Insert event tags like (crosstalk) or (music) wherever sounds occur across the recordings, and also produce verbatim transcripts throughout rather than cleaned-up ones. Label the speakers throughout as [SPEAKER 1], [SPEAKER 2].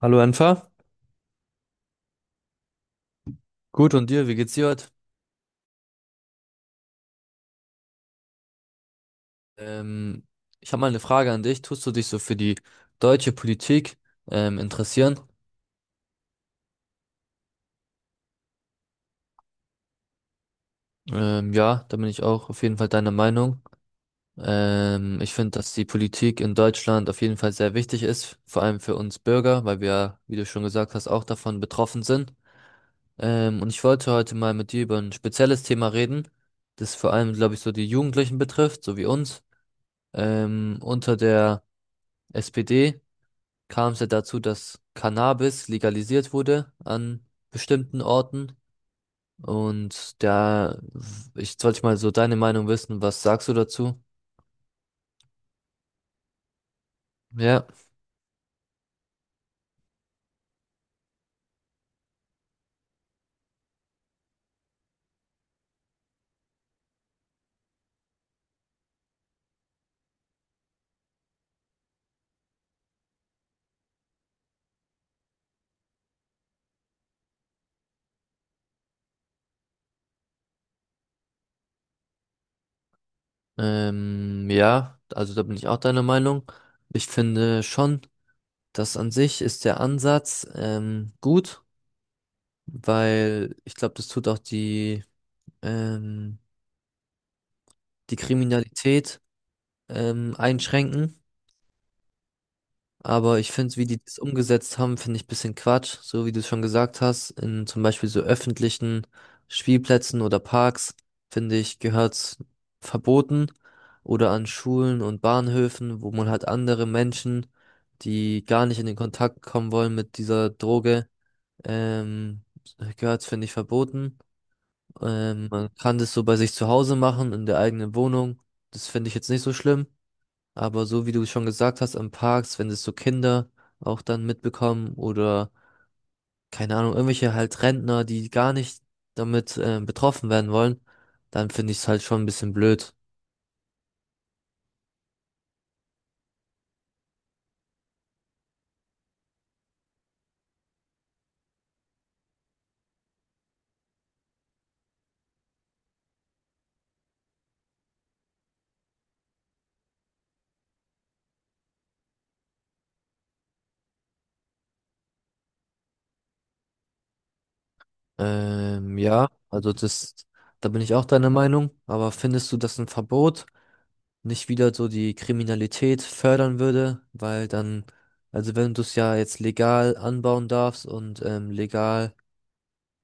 [SPEAKER 1] Hallo Enfer, gut und dir, wie geht's dir heute? Ähm, Ich habe mal eine Frage an dich. Tust du dich so für die deutsche Politik ähm, interessieren? Ähm, ja, da bin ich auch auf jeden Fall deiner Meinung. Ähm, ich finde, dass die Politik in Deutschland auf jeden Fall sehr wichtig ist, vor allem für uns Bürger, weil wir, wie du schon gesagt hast, auch davon betroffen sind. Ähm, und ich wollte heute mal mit dir über ein spezielles Thema reden, das vor allem, glaube ich, so die Jugendlichen betrifft, so wie uns. Ähm, unter der S P D kam es ja dazu, dass Cannabis legalisiert wurde an bestimmten Orten. Und da, ich sollte mal so deine Meinung wissen, was sagst du dazu? Ja, ähm, ja, also da bin ich auch deiner Meinung. Ich finde schon, dass an sich ist der Ansatz ähm, gut, weil ich glaube, das tut auch die, ähm, die Kriminalität ähm, einschränken. Aber ich finde, wie die das umgesetzt haben, finde ich ein bisschen Quatsch. So wie du es schon gesagt hast, in zum Beispiel so öffentlichen Spielplätzen oder Parks, finde ich, gehört's verboten. Oder an Schulen und Bahnhöfen, wo man halt andere Menschen, die gar nicht in den Kontakt kommen wollen mit dieser Droge, ähm, gehört's, finde ich, verboten. Ähm, man kann das so bei sich zu Hause machen, in der eigenen Wohnung. Das finde ich jetzt nicht so schlimm. Aber so wie du schon gesagt hast, im Parks, wenn das so Kinder auch dann mitbekommen oder keine Ahnung, irgendwelche halt Rentner, die gar nicht damit äh, betroffen werden wollen, dann finde ich es halt schon ein bisschen blöd. Ähm, ja, also das, da bin ich auch deiner Meinung. Aber findest du, dass ein Verbot nicht wieder so die Kriminalität fördern würde? Weil dann, also wenn du es ja jetzt legal anbauen darfst und ähm, legal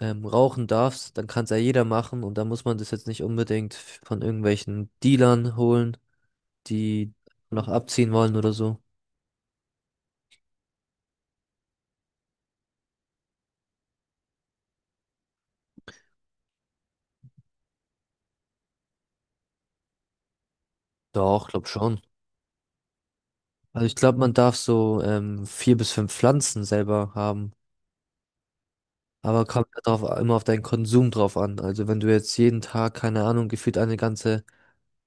[SPEAKER 1] ähm, rauchen darfst, dann kann es ja jeder machen und dann muss man das jetzt nicht unbedingt von irgendwelchen Dealern holen, die noch abziehen wollen oder so. Doch, glaub schon. Also ich glaube, man darf so ähm, vier bis fünf Pflanzen selber haben. Aber kommt ja drauf, immer auf deinen Konsum drauf an. Also wenn du jetzt jeden Tag, keine Ahnung, gefühlt eine ganze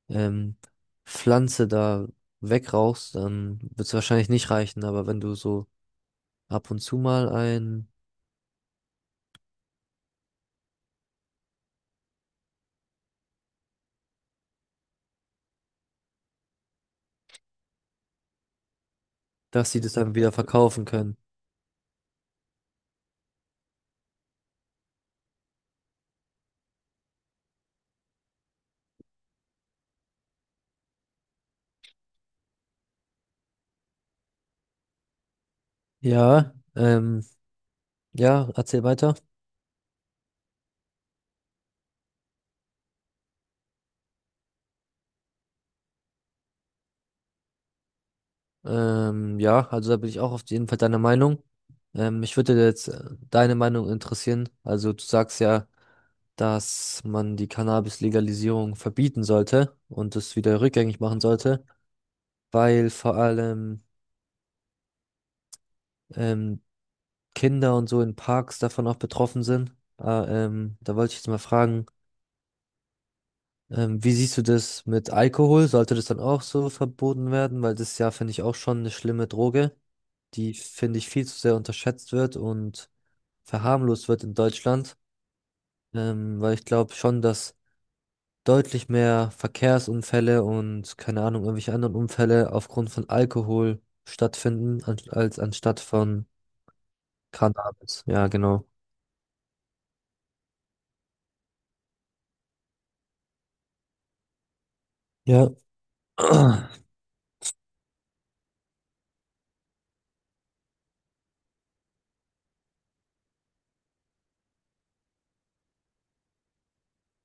[SPEAKER 1] ähm, Pflanze da wegrauchst, dann wird es wahrscheinlich nicht reichen. Aber wenn du so ab und zu mal ein, dass sie das dann wieder verkaufen können. Ja, ähm, ja, erzähl weiter. Ähm, ja, also da bin ich auch auf jeden Fall deiner Meinung. Ähm, mich würde jetzt äh, deine Meinung interessieren. Also du sagst ja, dass man die Cannabis-Legalisierung verbieten sollte und es wieder rückgängig machen sollte, weil vor allem ähm, Kinder und so in Parks davon auch betroffen sind. Ah, ähm, da wollte ich jetzt mal fragen, ähm, wie siehst du das mit Alkohol? Sollte das dann auch so verboten werden? Weil das ist ja, finde ich, auch schon eine schlimme Droge, die, finde ich, viel zu sehr unterschätzt wird und verharmlost wird in Deutschland. Ähm, weil ich glaube schon, dass deutlich mehr Verkehrsunfälle und keine Ahnung, irgendwelche anderen Unfälle aufgrund von Alkohol stattfinden, an, als anstatt von Cannabis. Ja, genau. Ja. (clears throat)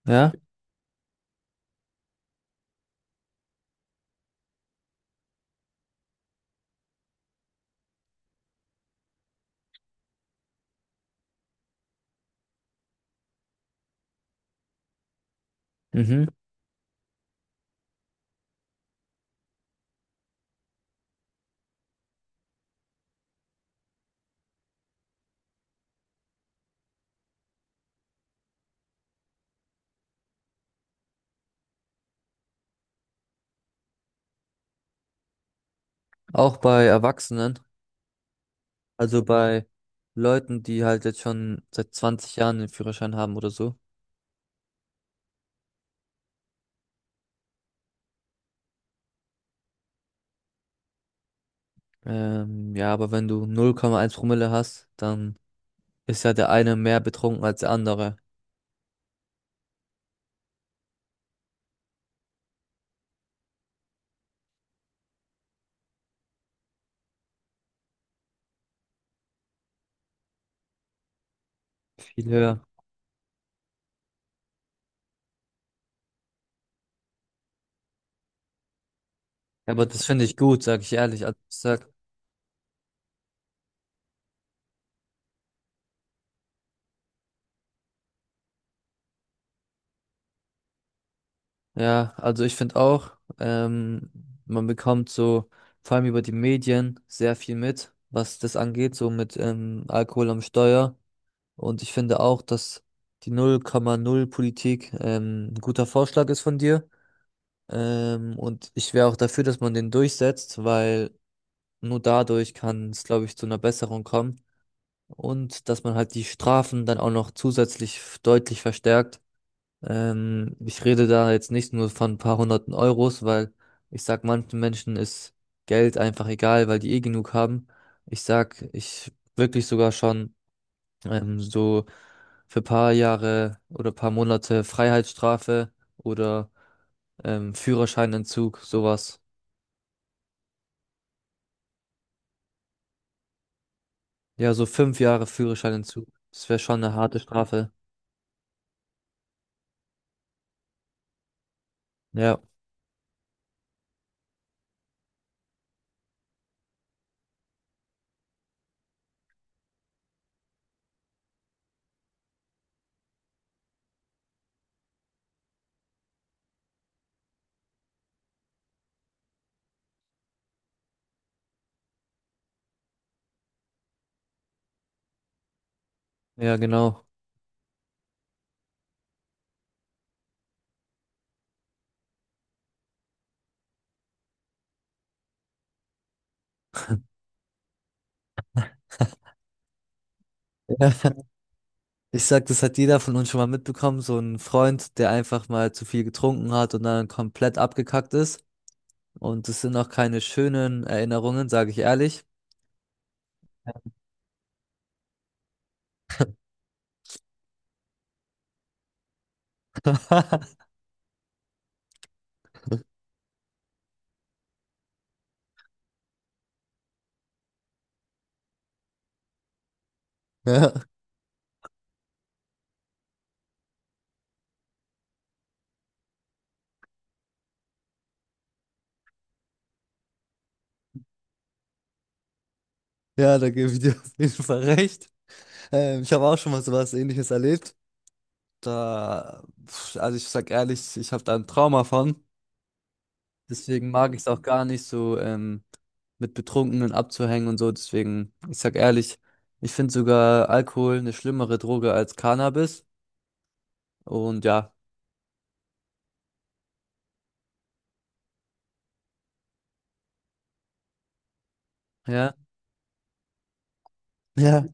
[SPEAKER 1] Ja. Mhm. Auch bei Erwachsenen, also bei Leuten, die halt jetzt schon seit zwanzig Jahren den Führerschein haben oder so. Ähm, ja, aber wenn du null Komma eins Promille hast, dann ist ja der eine mehr betrunken als der andere. Viel höher. Aber das finde ich gut, sag ich ehrlich. Also ich sag, ja, also ich finde auch, ähm, man bekommt so, vor allem über die Medien, sehr viel mit, was das angeht, so mit ähm, Alkohol am Steuer. Und ich finde auch, dass die null Komma null-Politik ähm, ein guter Vorschlag ist von dir. Ähm, und ich wäre auch dafür, dass man den durchsetzt, weil nur dadurch kann es, glaube ich, zu einer Besserung kommen. Und dass man halt die Strafen dann auch noch zusätzlich f- deutlich verstärkt. Ähm, ich rede da jetzt nicht nur von ein paar hunderten Euros, weil ich sag, manchen Menschen ist Geld einfach egal, weil die eh genug haben. Ich sag, ich wirklich sogar schon ähm, so für paar Jahre oder paar Monate Freiheitsstrafe oder ähm, Führerscheinentzug, sowas. Ja, so fünf Jahre Führerscheinentzug. Das wäre schon eine harte Strafe. Ja, ja, genau. Ich sag, das hat jeder von uns schon mal mitbekommen, so ein Freund, der einfach mal zu viel getrunken hat und dann komplett abgekackt ist. Und das sind auch keine schönen Erinnerungen, sage ich ehrlich. (laughs) Ja, ja, da gebe ich dir auf jeden Fall recht. Ähm, ich habe auch schon mal sowas Ähnliches erlebt. Da, pf, also ich sag ehrlich, ich habe da ein Trauma von. Deswegen mag ich es auch gar nicht so ähm, mit Betrunkenen abzuhängen und so. Deswegen, ich sag ehrlich, ich finde sogar Alkohol eine schlimmere Droge als Cannabis. Und ja. Ja, ja.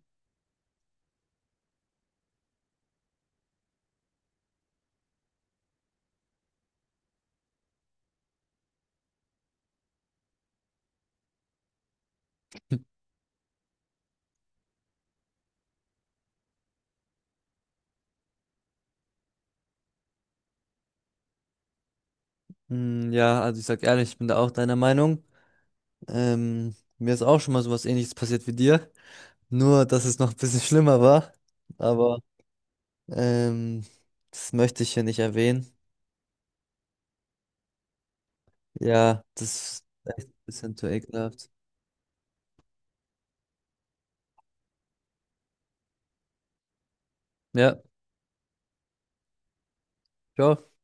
[SPEAKER 1] Hm, ja, also ich sag ehrlich, ich bin da auch deiner Meinung. Ähm, mir ist auch schon mal sowas Ähnliches passiert wie dir. Nur, dass es noch ein bisschen schlimmer war. Aber ähm, das möchte ich hier nicht erwähnen. Ja, das ist ein bisschen zu ekelhaft. Ja, ciao.